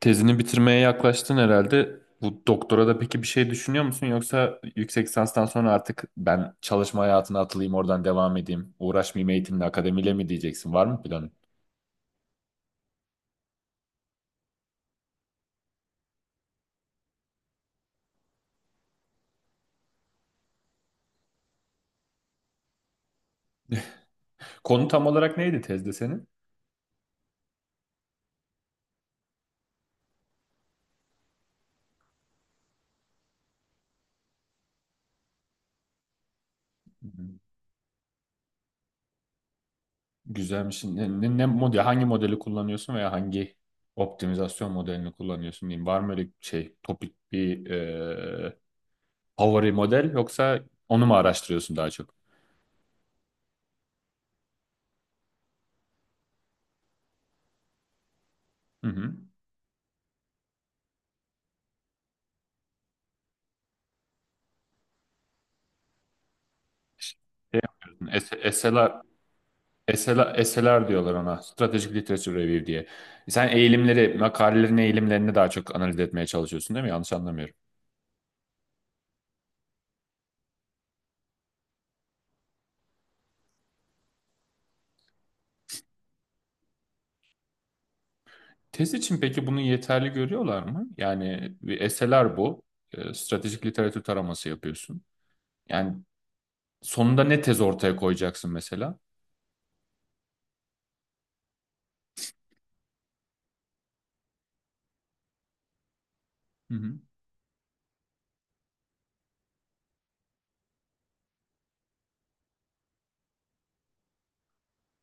Tezini bitirmeye yaklaştın herhalde. Bu doktora da peki bir şey düşünüyor musun? Yoksa yüksek lisanstan sonra artık ben çalışma hayatına atılayım, oradan devam edeyim, uğraşmayayım eğitimle, akademiyle mi diyeceksin? Var mı planın? Konu tam olarak neydi tezde senin? Hmm. Güzelmiş. Ne model, hangi modeli kullanıyorsun veya hangi optimizasyon modelini kullanıyorsun diyeyim. Var mı öyle şey, topik bir favori model yoksa onu mu araştırıyorsun daha çok? Hı hı. Şey yapıyorsun, SLR. SLR, SLR diyorlar ona. Strategic Literature Review diye. Sen eğilimleri, makalelerin eğilimlerini daha çok analiz etmeye çalışıyorsun değil mi? Yanlış anlamıyorum. Tez için peki bunu yeterli görüyorlar mı? Yani bir SLR bu. Stratejik literatür taraması yapıyorsun. Yani sonunda ne tez ortaya koyacaksın mesela? Hı hı,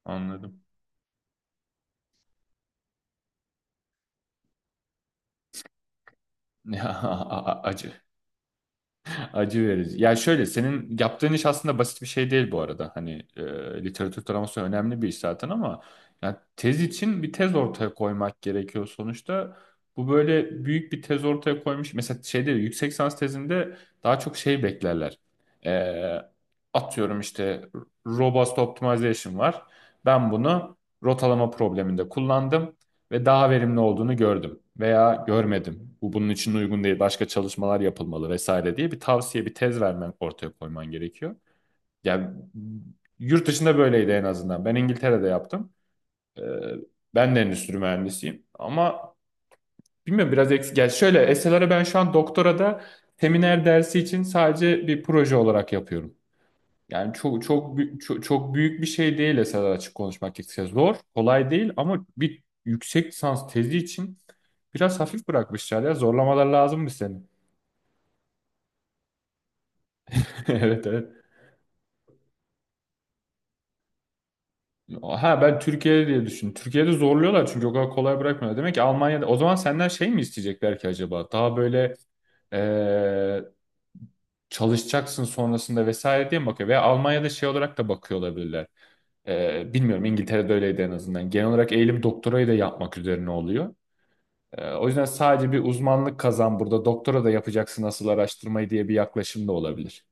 anladım. Ya, acı. Acı verici. Ya şöyle senin yaptığın iş aslında basit bir şey değil bu arada. Hani literatür taraması önemli bir iş zaten ama ya tez için bir tez ortaya koymak gerekiyor sonuçta. Bu böyle büyük bir tez ortaya koymuş. Mesela şeyde yüksek lisans tezinde daha çok şey beklerler. E, atıyorum işte robust optimization var. Ben bunu rotalama probleminde kullandım ve daha verimli olduğunu gördüm veya görmedim. Bu bunun için uygun değil, başka çalışmalar yapılmalı vesaire diye bir tavsiye, bir tez vermen ortaya koyman gerekiyor. Yani yurt dışında böyleydi en azından. Ben İngiltere'de yaptım. Ee, ben de endüstri mühendisiyim ama bilmiyorum biraz eksik. Yani şöyle SLR'ı ben şu an doktorada seminer dersi için sadece bir proje olarak yapıyorum. Yani çok, çok büyük bir şey değil esasında açık konuşmak gerekirse. Zor, kolay değil ama bir yüksek lisans tezi için biraz hafif bırakmışlar ya. Zorlamalar lazım mı senin? Evet evet. Ha ben Türkiye'de diye düşün. Türkiye'de zorluyorlar çünkü o kadar kolay bırakmıyorlar. Demek ki Almanya'da o zaman senden şey mi isteyecekler ki acaba? Daha böyle eee, çalışacaksın sonrasında vesaire diye mi bakıyor? Veya Almanya'da şey olarak da bakıyor olabilirler. Bilmiyorum İngiltere'de öyleydi en azından. Genel olarak eğilim doktorayı da yapmak üzerine oluyor. O yüzden sadece bir uzmanlık kazan burada. Doktora da yapacaksın asıl araştırmayı diye bir yaklaşım da olabilir.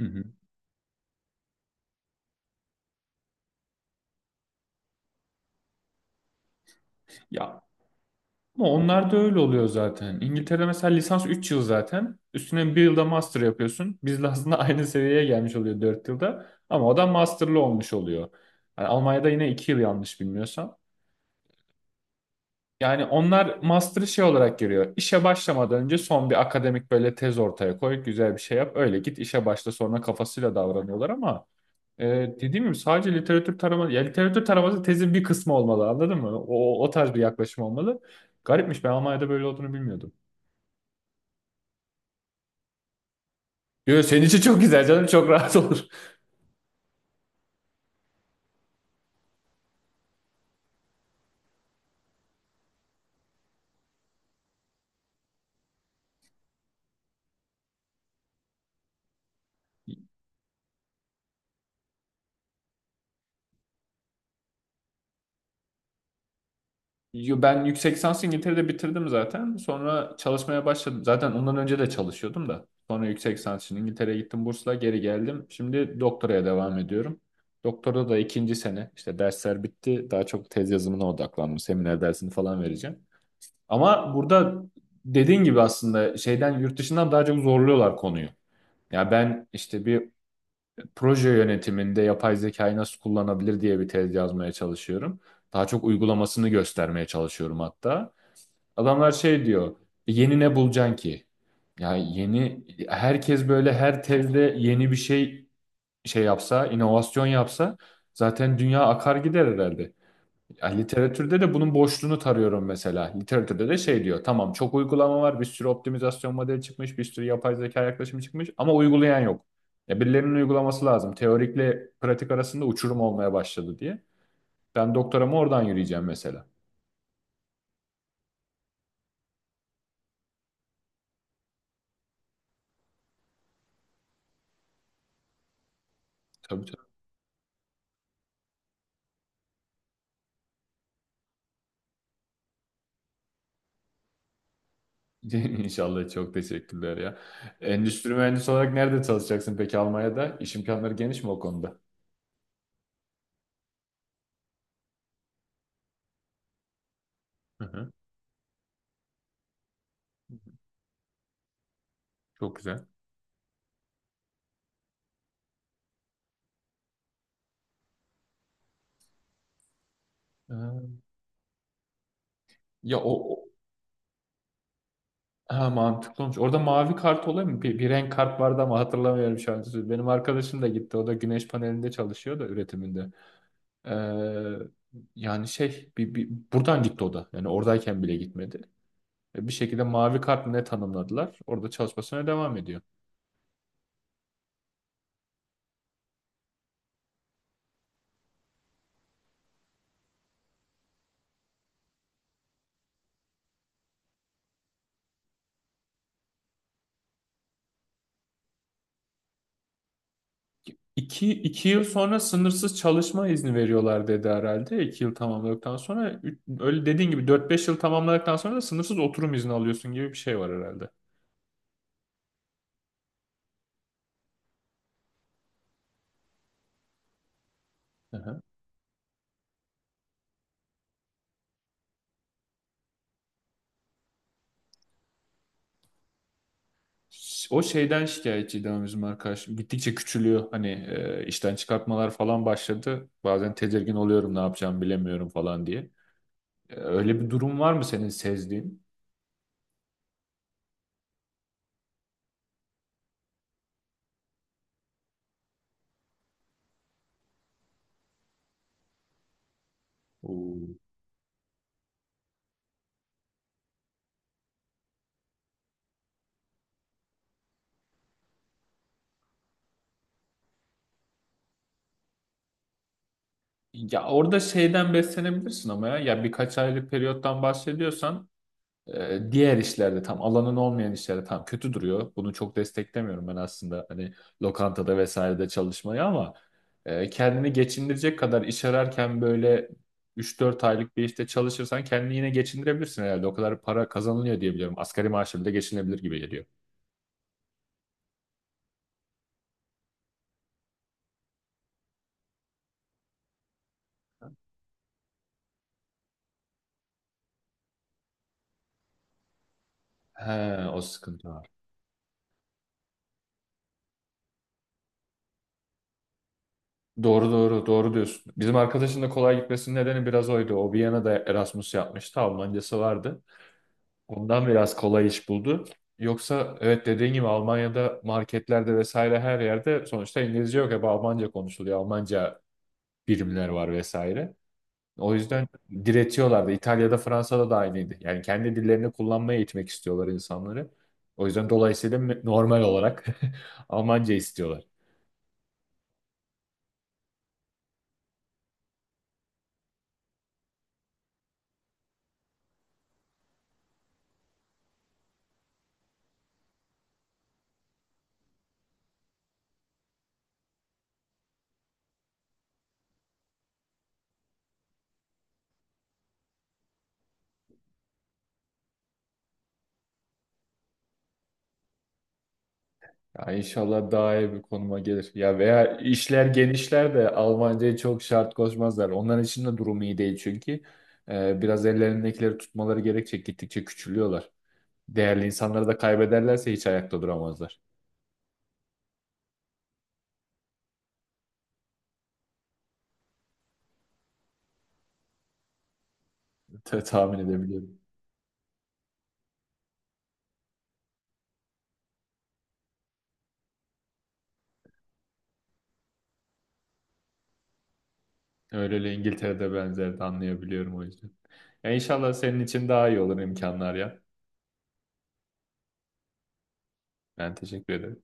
Hı hı. Ya ama onlar da öyle oluyor zaten. İngiltere'de mesela lisans 3 yıl zaten. Üstüne bir yılda master yapıyorsun. Bizle aslında aynı seviyeye gelmiş oluyor 4 yılda. Ama o da masterlı olmuş oluyor. Yani Almanya'da yine 2 yıl yanlış bilmiyorsam. Yani onlar master'ı şey olarak görüyor. İşe başlamadan önce son bir akademik böyle tez ortaya koy, güzel bir şey yap. Öyle git işe başla sonra kafasıyla davranıyorlar ama. Dediğim gibi sadece literatür taraması, ya literatür taraması tezin bir kısmı olmalı anladın mı? O tarz bir yaklaşım olmalı. Garipmiş, ben Almanya'da böyle olduğunu bilmiyordum. Yo, senin için çok güzel canım, çok rahat olur. Yo, ben yüksek lisansı İngiltere'de bitirdim zaten. Sonra çalışmaya başladım. Zaten ondan önce de çalışıyordum da. Sonra yüksek lisans için İngiltere'ye gittim, bursla geri geldim. Şimdi doktoraya devam ediyorum. Doktorda da ikinci sene, işte dersler bitti. Daha çok tez yazımına odaklandım. Seminer dersini falan vereceğim. Ama burada dediğin gibi aslında şeyden, yurt dışından daha çok zorluyorlar konuyu. Ya ben işte bir proje yönetiminde yapay zekayı nasıl kullanabilir diye bir tez yazmaya çalışıyorum. Daha çok uygulamasını göstermeye çalışıyorum hatta. Adamlar şey diyor, yeni ne bulacaksın ki? Ya yeni, herkes böyle her tezde yeni bir şey yapsa, inovasyon yapsa zaten dünya akar gider herhalde. Ya literatürde de bunun boşluğunu tarıyorum mesela. Literatürde de şey diyor. Tamam, çok uygulama var. Bir sürü optimizasyon modeli çıkmış. Bir sürü yapay zeka yaklaşımı çıkmış. Ama uygulayan yok. Ya birilerinin uygulaması lazım. Teorikle pratik arasında uçurum olmaya başladı diye. Ben doktoramı oradan yürüyeceğim mesela. Tabii tabii. İnşallah, çok teşekkürler ya. Endüstri mühendisi olarak nerede çalışacaksın peki Almanya'da? İş imkanları geniş mi o konuda? Hı hı. Çok güzel. Ee, Ya o, Ha, mantıklı olmuş. Orada mavi kart oluyor mu? Bir renk kart vardı ama hatırlamıyorum şu an. Benim arkadaşım da gitti. O da güneş panelinde çalışıyor, da üretiminde. Ee, yani şey, buradan gitti o da. Yani oradayken bile gitmedi. Bir şekilde mavi kart mı ne tanımladılar. Orada çalışmasına devam ediyor. İki yıl sonra sınırsız çalışma izni veriyorlar dedi herhalde. 2 yıl tamamladıktan sonra öyle dediğin gibi 4-5 yıl tamamladıktan sonra da sınırsız oturum izni alıyorsun gibi bir şey var herhalde. O şeyden şikayetçiydi ama bizim arkadaşım. Gittikçe küçülüyor. Hani işten çıkartmalar falan başladı. Bazen tedirgin oluyorum, ne yapacağımı bilemiyorum falan diye. Öyle bir durum var mı senin sezdiğin? Oo. Ya orada şeyden beslenebilirsin ama ya. Ya birkaç aylık periyottan bahsediyorsan Diğer işlerde, tam alanın olmayan işlerde tam kötü duruyor. Bunu çok desteklemiyorum ben aslında, hani lokantada vesairede çalışmayı, ama kendini geçindirecek kadar iş ararken böyle 3-4 aylık bir işte çalışırsan kendini yine geçindirebilirsin herhalde. O kadar para kazanılıyor diye biliyorum. Asgari maaşla bile geçinebilir gibi geliyor. He, o sıkıntı var. Doğru doğru doğru diyorsun. Bizim arkadaşın da kolay gitmesinin nedeni biraz oydu. O Viyana'da Erasmus yapmıştı. Almancası vardı. Ondan biraz kolay iş buldu. Yoksa evet, dediğin gibi Almanya'da marketlerde vesaire, her yerde sonuçta İngilizce yok. Hep Almanca konuşuluyor. Almanca birimler var vesaire. O yüzden diretiyorlardı. İtalya'da, Fransa'da da aynıydı. Yani kendi dillerini kullanmaya eğitmek istiyorlar insanları. O yüzden dolayısıyla normal olarak Almanca istiyorlar. Ya inşallah daha iyi bir konuma gelir. Ya veya işler genişler de Almanca'ya çok şart koşmazlar. Onların için de durum iyi değil çünkü. Biraz ellerindekileri tutmaları gerekecek. Gittikçe küçülüyorlar. Değerli insanları da kaybederlerse hiç ayakta duramazlar. Tahmin edebiliyorum. Öyle öyle, İngiltere'de benzerdi, anlayabiliyorum o yüzden. Ya inşallah senin için daha iyi olur imkanlar ya. Ben teşekkür ederim.